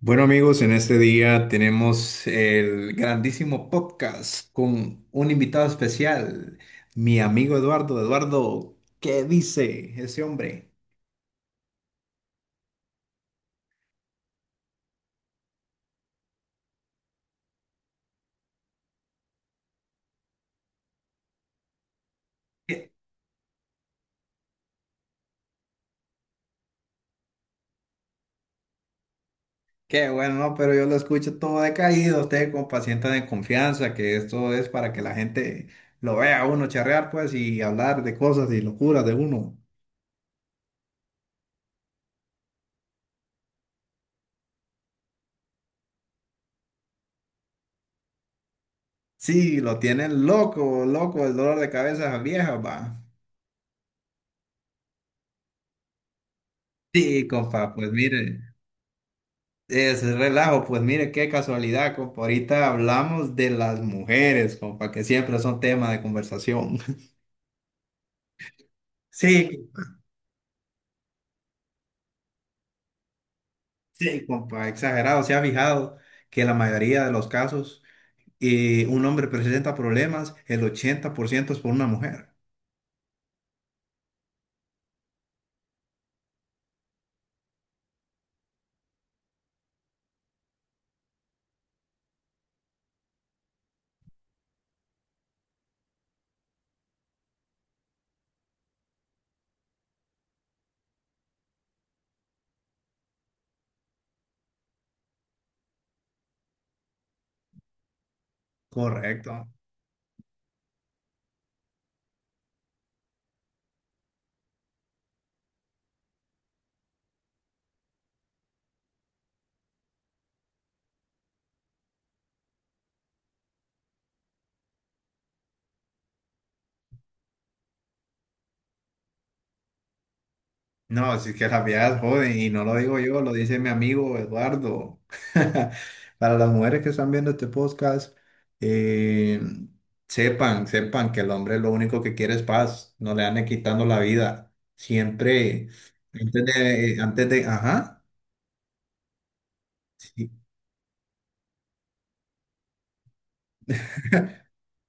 Bueno amigos, en este día tenemos el grandísimo podcast con un invitado especial, mi amigo Eduardo. Eduardo, ¿qué dice ese hombre? Qué, qué bueno, ¿no? Pero yo lo escucho todo decaído, usted con paciente de confianza, que esto es para que la gente lo vea a uno charrear pues y hablar de cosas y locuras de uno. Sí, lo tienen loco, loco, el dolor de cabeza vieja, va. Sí, compa, pues mire. Es relajo, pues mire qué casualidad, compa. Ahorita hablamos de las mujeres, compa, que siempre son tema de conversación. Sí, sí, compa, exagerado. ¿Se ha fijado que la mayoría de los casos un hombre presenta problemas, el 80% es por una mujer? Correcto. No, si es que las viejas joden, y no lo digo yo, lo dice mi amigo Eduardo. Para las mujeres que están viendo este podcast, eh, sepan, sepan que el hombre lo único que quiere es paz, no le anden quitando la vida. Siempre, antes de, ajá. Sí,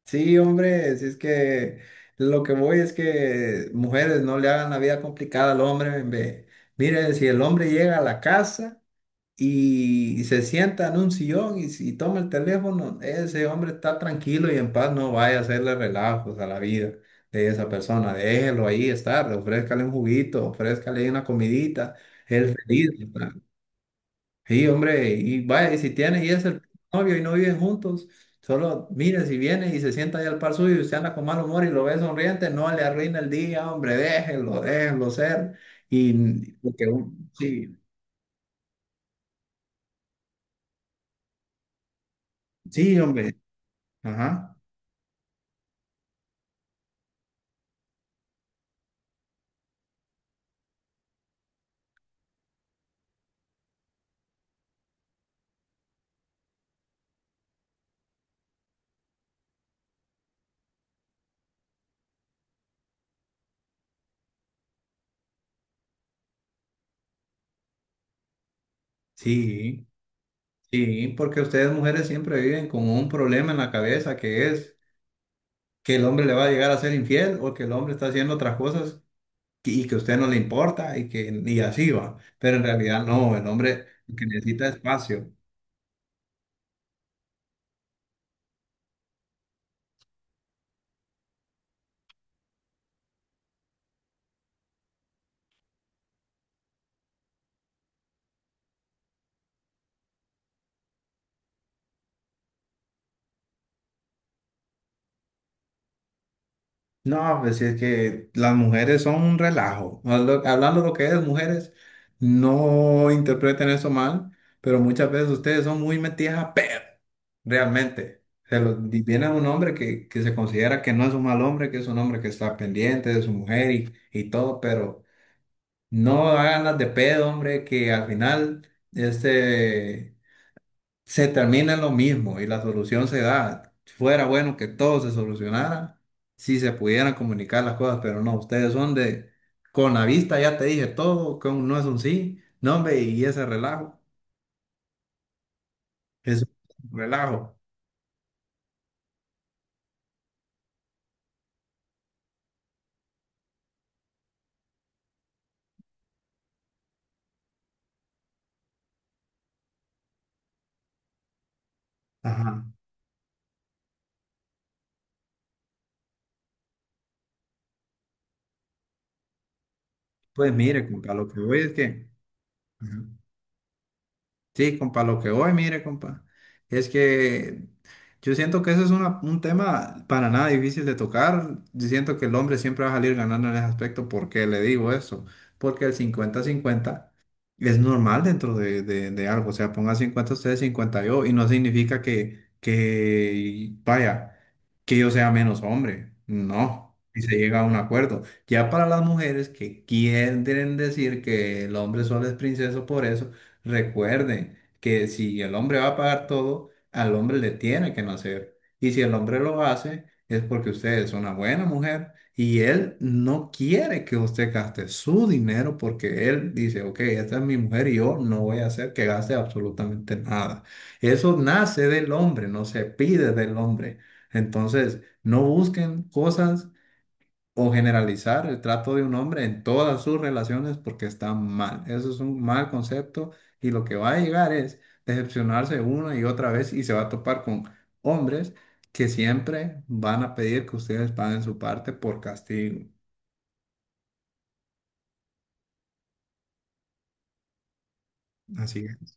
sí, hombre, si es que lo que voy es que mujeres no le hagan la vida complicada al hombre. Ve. Mire, si el hombre llega a la casa y se sienta en un sillón y, si toma el teléfono, ese hombre está tranquilo y en paz, no vaya a hacerle relajos a la vida de esa persona, déjelo ahí estar, ofrézcale un juguito, ofrézcale una comidita, él feliz, ¿verdad? Sí, hombre, y vaya, y si tiene y es el novio y no viven juntos, solo mire si viene y se sienta ahí al par suyo y usted anda con mal humor y lo ve sonriente, no le arruina el día, hombre, déjelo ser. Y porque, sí, sí, hombre, ajá. Sí, sí, porque ustedes mujeres siempre viven con un problema en la cabeza que es que el hombre le va a llegar a ser infiel o que el hombre está haciendo otras cosas y que a usted no le importa y que y así va. Pero en realidad no, el hombre lo que necesita es espacio. No, pues si es que las mujeres son un relajo. Hablando de lo que es mujeres, no interpreten eso mal, pero muchas veces ustedes son muy metidas a perro, realmente. Se lo, y viene un hombre que se considera que no es un mal hombre, que es un hombre que está pendiente de su mujer y todo, pero no hagan las de pedo, hombre, que al final este, se termina en lo mismo y la solución se da. Si fuera bueno que todo se solucionara si se pudieran comunicar las cosas, pero no, ustedes son de con la vista ya te dije todo, que no es un sí, no, hombre, y ese relajo, es un relajo. Ajá. Pues mire, compa, lo que voy es que. Ajá. Sí, compa, lo que voy, mire, compa, es que yo siento que eso es un tema para nada difícil de tocar. Yo siento que el hombre siempre va a salir ganando en ese aspecto. ¿Por qué le digo eso? Porque el 50-50 es normal dentro de algo. O sea, ponga 50 ustedes, 50 yo, y no significa que, vaya, que yo sea menos hombre. No. Y se llega a un acuerdo. Ya para las mujeres que quieren decir que el hombre solo es princeso por eso. Recuerden que si el hombre va a pagar todo, al hombre le tiene que nacer. Y si el hombre lo hace, es porque usted es una buena mujer y él no quiere que usted gaste su dinero porque él dice, ok, esta es mi mujer y yo no voy a hacer que gaste absolutamente nada. Eso nace del hombre, no se pide del hombre. Entonces, no busquen cosas o generalizar el trato de un hombre en todas sus relaciones porque está mal. Eso es un mal concepto y lo que va a llegar es decepcionarse una y otra vez y se va a topar con hombres que siempre van a pedir que ustedes paguen su parte por castigo. Así es,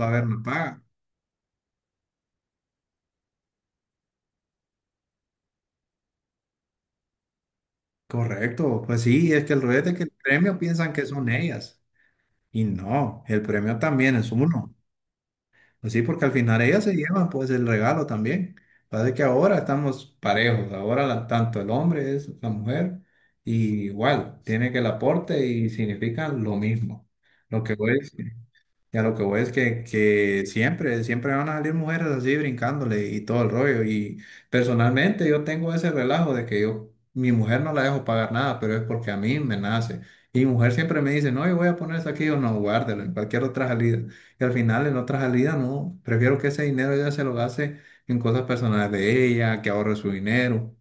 va a haber una paga. Correcto, pues sí, es que el rollo es de que el premio piensan que son ellas y no, el premio también es uno. Pues sí, porque al final ellas se llevan pues el regalo también. Parece que ahora estamos parejos, ahora tanto el hombre es la mujer y igual, tiene que el aporte y significan lo mismo. Lo que voy es- Ya lo que voy es que siempre, siempre van a salir mujeres así brincándole y todo el rollo. Y personalmente yo tengo ese relajo de que yo, mi mujer no la dejo pagar nada, pero es porque a mí me nace. Y mi mujer siempre me dice, no, yo voy a poner eso aquí, yo no, guárdelo en cualquier otra salida. Y al final en otra salida, no, prefiero que ese dinero ella se lo gaste en cosas personales de ella, que ahorre su dinero.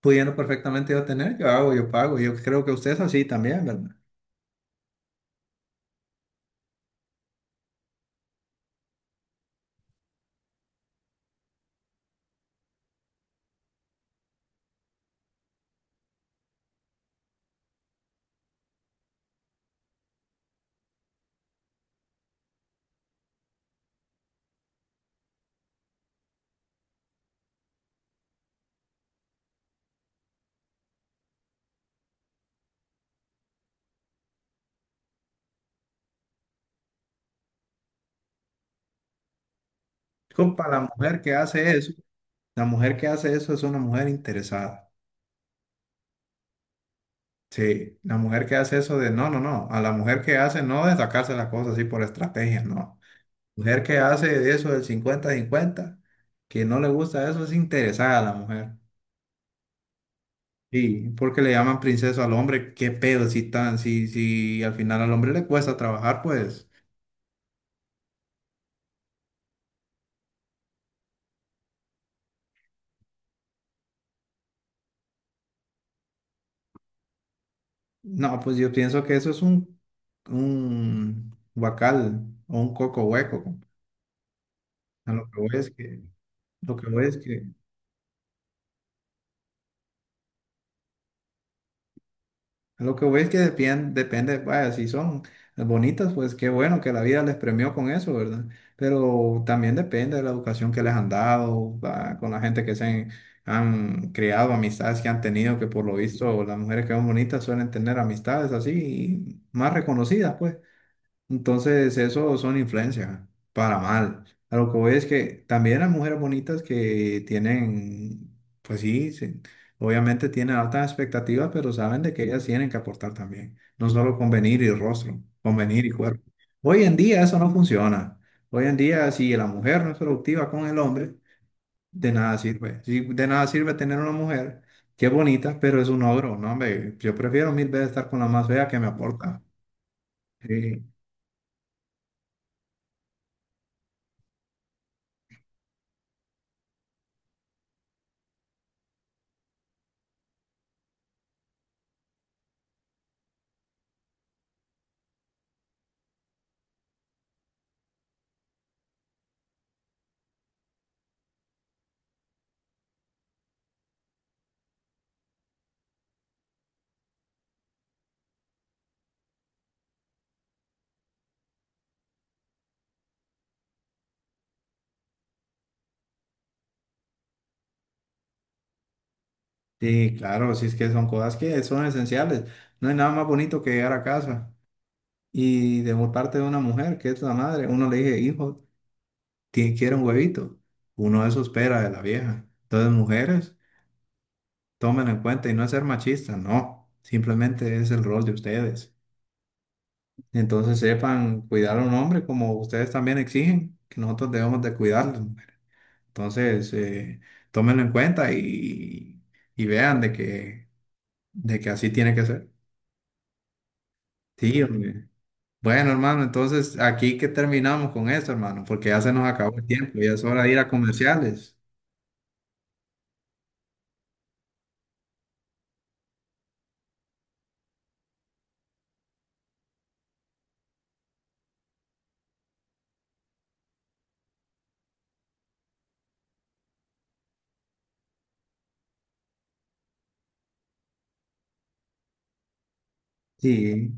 Pudiendo perfectamente yo tener, yo hago, yo pago. Yo creo que usted es así también, ¿verdad? Compa, la mujer que hace eso. La mujer que hace eso es una mujer interesada. Sí, la mujer que hace eso de no, no, no. A la mujer que hace no de sacarse las cosas así por estrategia, no. Mujer que hace de eso del 50-50 que no le gusta eso, es interesada la mujer. Sí, porque le llaman princesa al hombre, qué pedo si tan, si, si al final al hombre le cuesta trabajar, pues. No, pues yo pienso que eso es un guacal o un coco hueco. A lo que voy es que, lo que voy es que Lo que voy es que depende, depende, vaya, si son bonitas, pues qué bueno que la vida les premió con eso, ¿verdad? Pero también depende de la educación que les han dado, va, con la gente que se han creado, amistades que han tenido, que por lo visto las mujeres que son bonitas suelen tener amistades así, más reconocidas, pues. Entonces, eso son influencias, para mal. A lo que voy es que también hay mujeres bonitas que tienen, pues sí, sí, obviamente tienen altas expectativas, pero saben de que ellas tienen que aportar también, no solo con venir y rostro, con venir y cuerpo. Hoy en día eso no funciona. Hoy en día, si la mujer no es productiva con el hombre, de nada sirve. Si de nada sirve tener una mujer que es bonita, pero es un ogro, ¿no? Hombre, yo prefiero mil veces estar con la más fea que me aporta. Sí. Sí, claro, sí es que son cosas que son esenciales. No hay nada más bonito que llegar a casa y de por parte de una mujer que es la madre, uno le dice, hijo, quiere un huevito. Uno eso espera de la vieja. Entonces, mujeres, tomen en cuenta y no es ser machista, no, simplemente es el rol de ustedes. Entonces, sepan cuidar a un hombre como ustedes también exigen que nosotros debemos de cuidarles, mujer. Entonces, tómenlo en cuenta y vean de que así tiene que ser. Sí, hombre. Bueno, hermano, entonces aquí que terminamos con esto, hermano, porque ya se nos acabó el tiempo, ya es hora de ir a comerciales. Sí,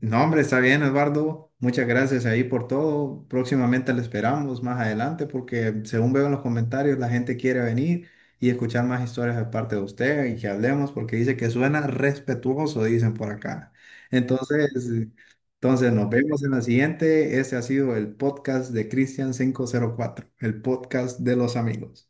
no, hombre, está bien, Eduardo. Muchas gracias ahí por todo. Próximamente le esperamos más adelante porque según veo en los comentarios, la gente quiere venir y escuchar más historias de parte de usted y que hablemos porque dice que suena respetuoso, dicen por acá. Entonces, entonces, nos vemos en la siguiente. Este ha sido el podcast de Cristian 504, el podcast de los amigos.